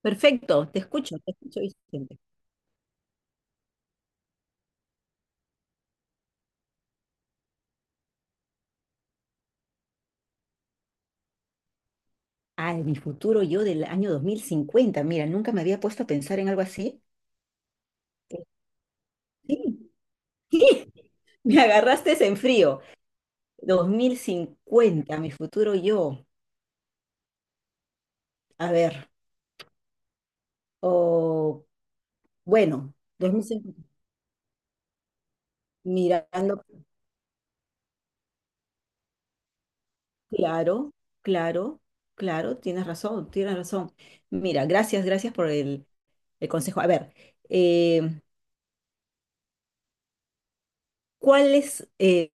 Perfecto, te escucho, Vicente. Ah, en mi futuro yo del año 2050. Mira, nunca me había puesto a pensar en algo así. Eh, Sí, sí, me agarraste en frío. Dos mil cincuenta, mi futuro yo. A ver, o bueno, 2050, mirando, claro, claro, claro, tienes razón, tienes razón. Mira, gracias, gracias por el consejo. A ver, eh, ¿cuál es,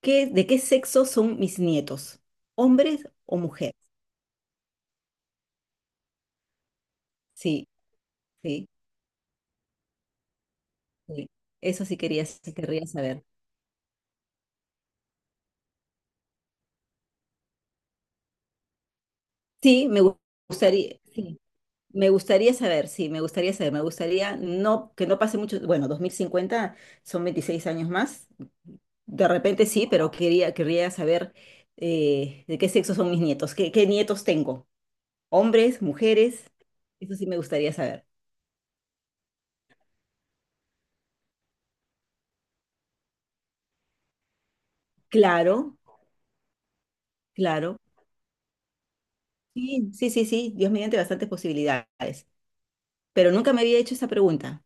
¿qué, de qué sexo son mis nietos? ¿Hombres o mujeres? Sí, sí, sí. Eso sí quería, sí querría saber. Sí, gustaría, sí, me gustaría saber, sí, me gustaría saber, me gustaría no, que no pase mucho, bueno, 2050 son 26 años más, de repente sí, pero quería, querría saber de qué sexo son mis nietos, qué, qué nietos tengo, hombres, mujeres, eso sí me gustaría saber. Claro, claro. Sí, sí, sí, sí, Dios mediante bastantes posibilidades. Pero nunca me había hecho esa pregunta.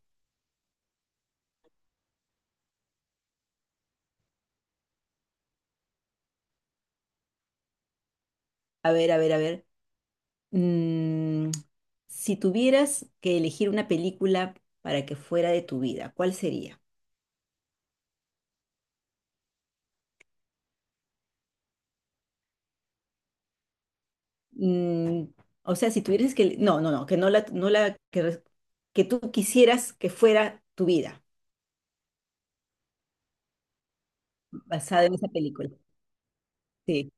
A ver, a ver, a ver. Mm, si tuvieras que elegir una película para que fuera de tu vida, ¿cuál sería? Mm, o sea, si tuvieras que... No, no, no, que no la, no la, que tú quisieras que fuera tu vida, basada en esa película. Sí.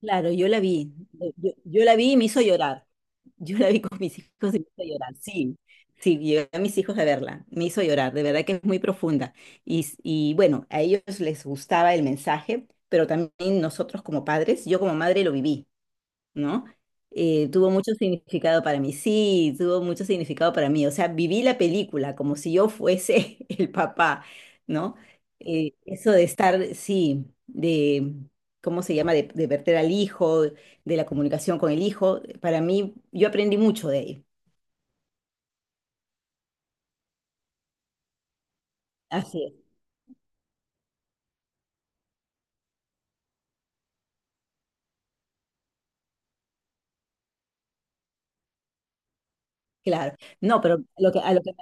Claro, yo la vi, yo la vi y me hizo llorar. Yo la vi con mis hijos y me hizo llorar, sí, sí, llevé a mis hijos a verla, me hizo llorar, de verdad que es muy profunda. Y, y bueno, a ellos les gustaba el mensaje, pero también nosotros como padres, yo como madre lo viví, ¿no? Tuvo mucho significado para mí, sí, tuvo mucho significado para mí. O sea, viví la película como si yo fuese el papá, ¿no? Eso de estar, sí, de, ¿cómo se llama? De verter al hijo, de la comunicación con el hijo, para mí, yo aprendí mucho de ahí. Así es, claro. No, pero lo que, a lo que,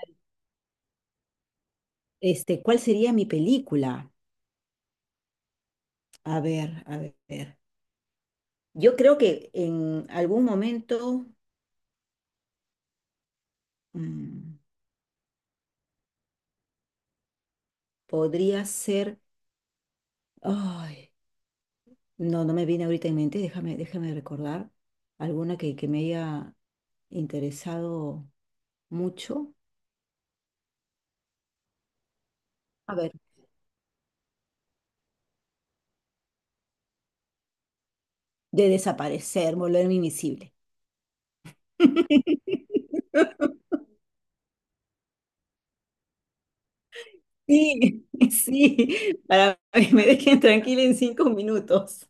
este, ¿cuál sería mi película? A ver, a ver. Yo creo que en algún momento mm, podría ser... Ay, no, no me viene ahorita en mente. Déjame, déjame recordar alguna que me haya interesado mucho. A ver, de desaparecer, volverme invisible. Sí, sí, para que me dejen tranquila en 5 minutos.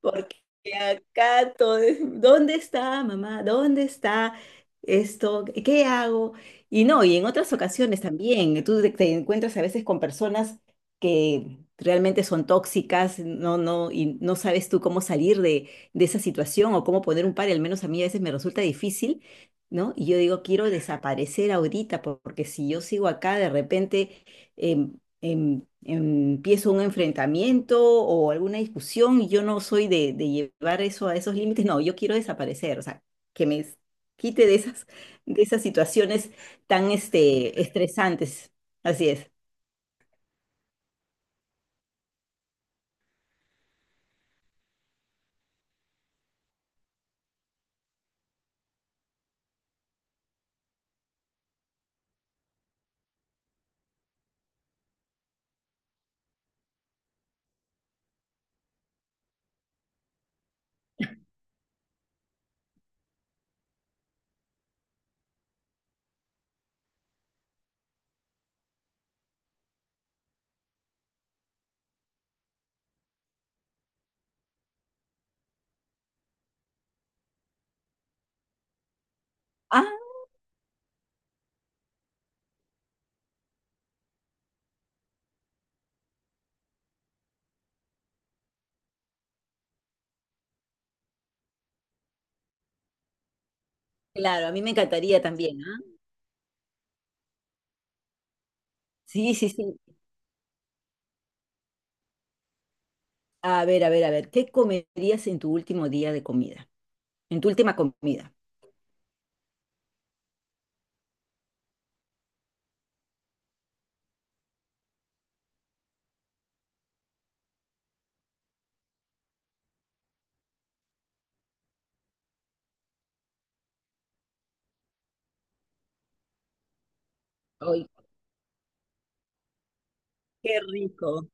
Porque acá todo es, ¿dónde está mamá? ¿Dónde está esto? ¿Qué hago? Y no, y en otras ocasiones también, tú te, te encuentras a veces con personas que realmente son tóxicas, no, no, y no sabes tú cómo salir de esa situación o cómo poner un par, y al menos a mí a veces me resulta difícil, ¿no? Y yo digo, quiero desaparecer ahorita, porque si yo sigo acá, de repente eh, empiezo un enfrentamiento o alguna discusión y yo no soy de llevar eso a esos límites, no, yo quiero desaparecer, o sea, que me s- quite de esas situaciones tan este, estresantes. Así es. Ah, claro, a mí me encantaría también, ¿ah? Sí, sí, sí. A ver, a ver, a ver, ¿qué comerías en tu último día de comida? En tu última comida. Ay, qué rico.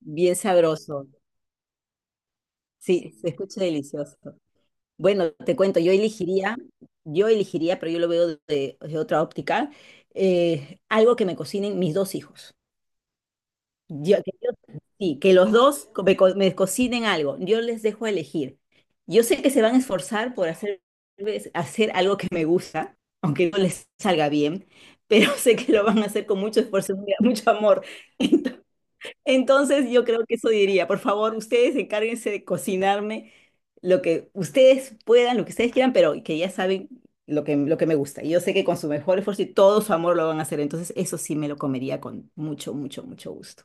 Bien sabroso. Sí, se escucha delicioso. Bueno, te cuento, yo elegiría, pero yo lo veo de otra óptica, algo que me cocinen mis dos hijos. Yo- que yo- sí, que los dos me cocinen algo. Yo les dejo elegir. Yo sé que se van a esforzar por hacer, pues, hacer algo que me gusta, aunque no les salga bien, pero sé que lo van a hacer con mucho esfuerzo y mucho amor. Entonces yo creo que eso diría, por favor, ustedes encárguense de cocinarme lo que ustedes puedan, lo que ustedes quieran, pero que ya saben lo que me gusta. Y yo sé que con su mejor esfuerzo y todo su amor lo van a hacer, entonces eso sí me lo comería con mucho, mucho, mucho gusto.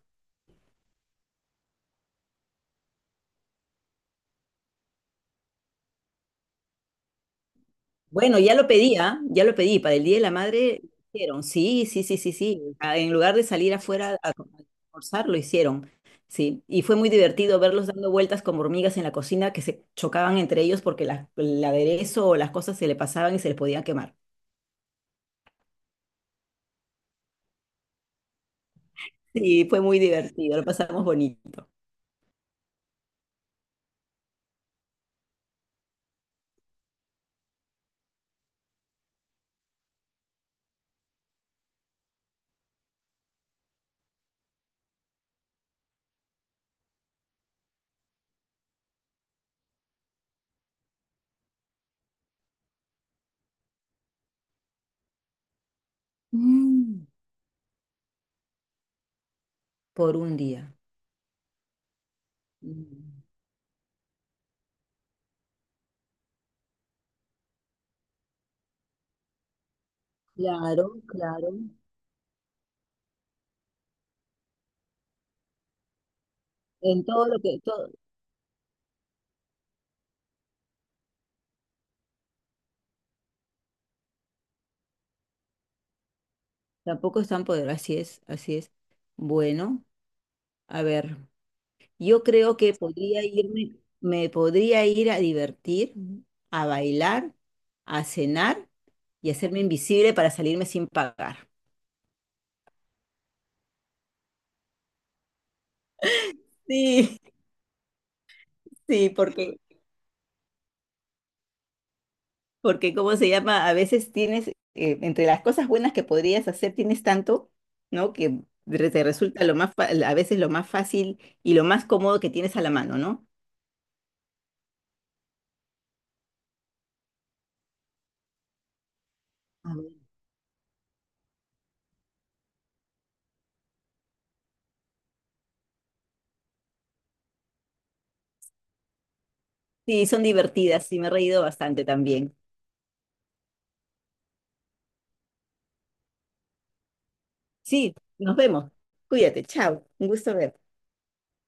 Bueno, ya lo pedía, ya lo pedí, para el Día de la Madre hicieron, sí, sí, sí, sí, sí, ah, en lugar de salir afuera a almorzar, lo hicieron, sí, y fue muy divertido verlos dando vueltas como hormigas en la cocina que se chocaban entre ellos porque el aderezo o las cosas se le pasaban y se les podían quemar. Sí, fue muy divertido, lo pasamos bonito. Mm, por un día. Mm, claro, claro. En todo lo que, todo, tampoco es tan poderoso, así es, así es. Bueno, a ver. Yo creo que podría irme, me podría ir a divertir, a bailar, a cenar y hacerme invisible para salirme sin pagar. Sí, sí, porque, porque ¿cómo se llama? A veces tienes, entre las cosas buenas que podrías hacer, tienes tanto, ¿no? Que te resulta lo más, a veces lo más fácil y lo más cómodo que tienes a la mano, ¿no? A ver. Sí, son divertidas y me he reído bastante también. Sí, nos vemos. Cuídate, chao. Un gusto verte.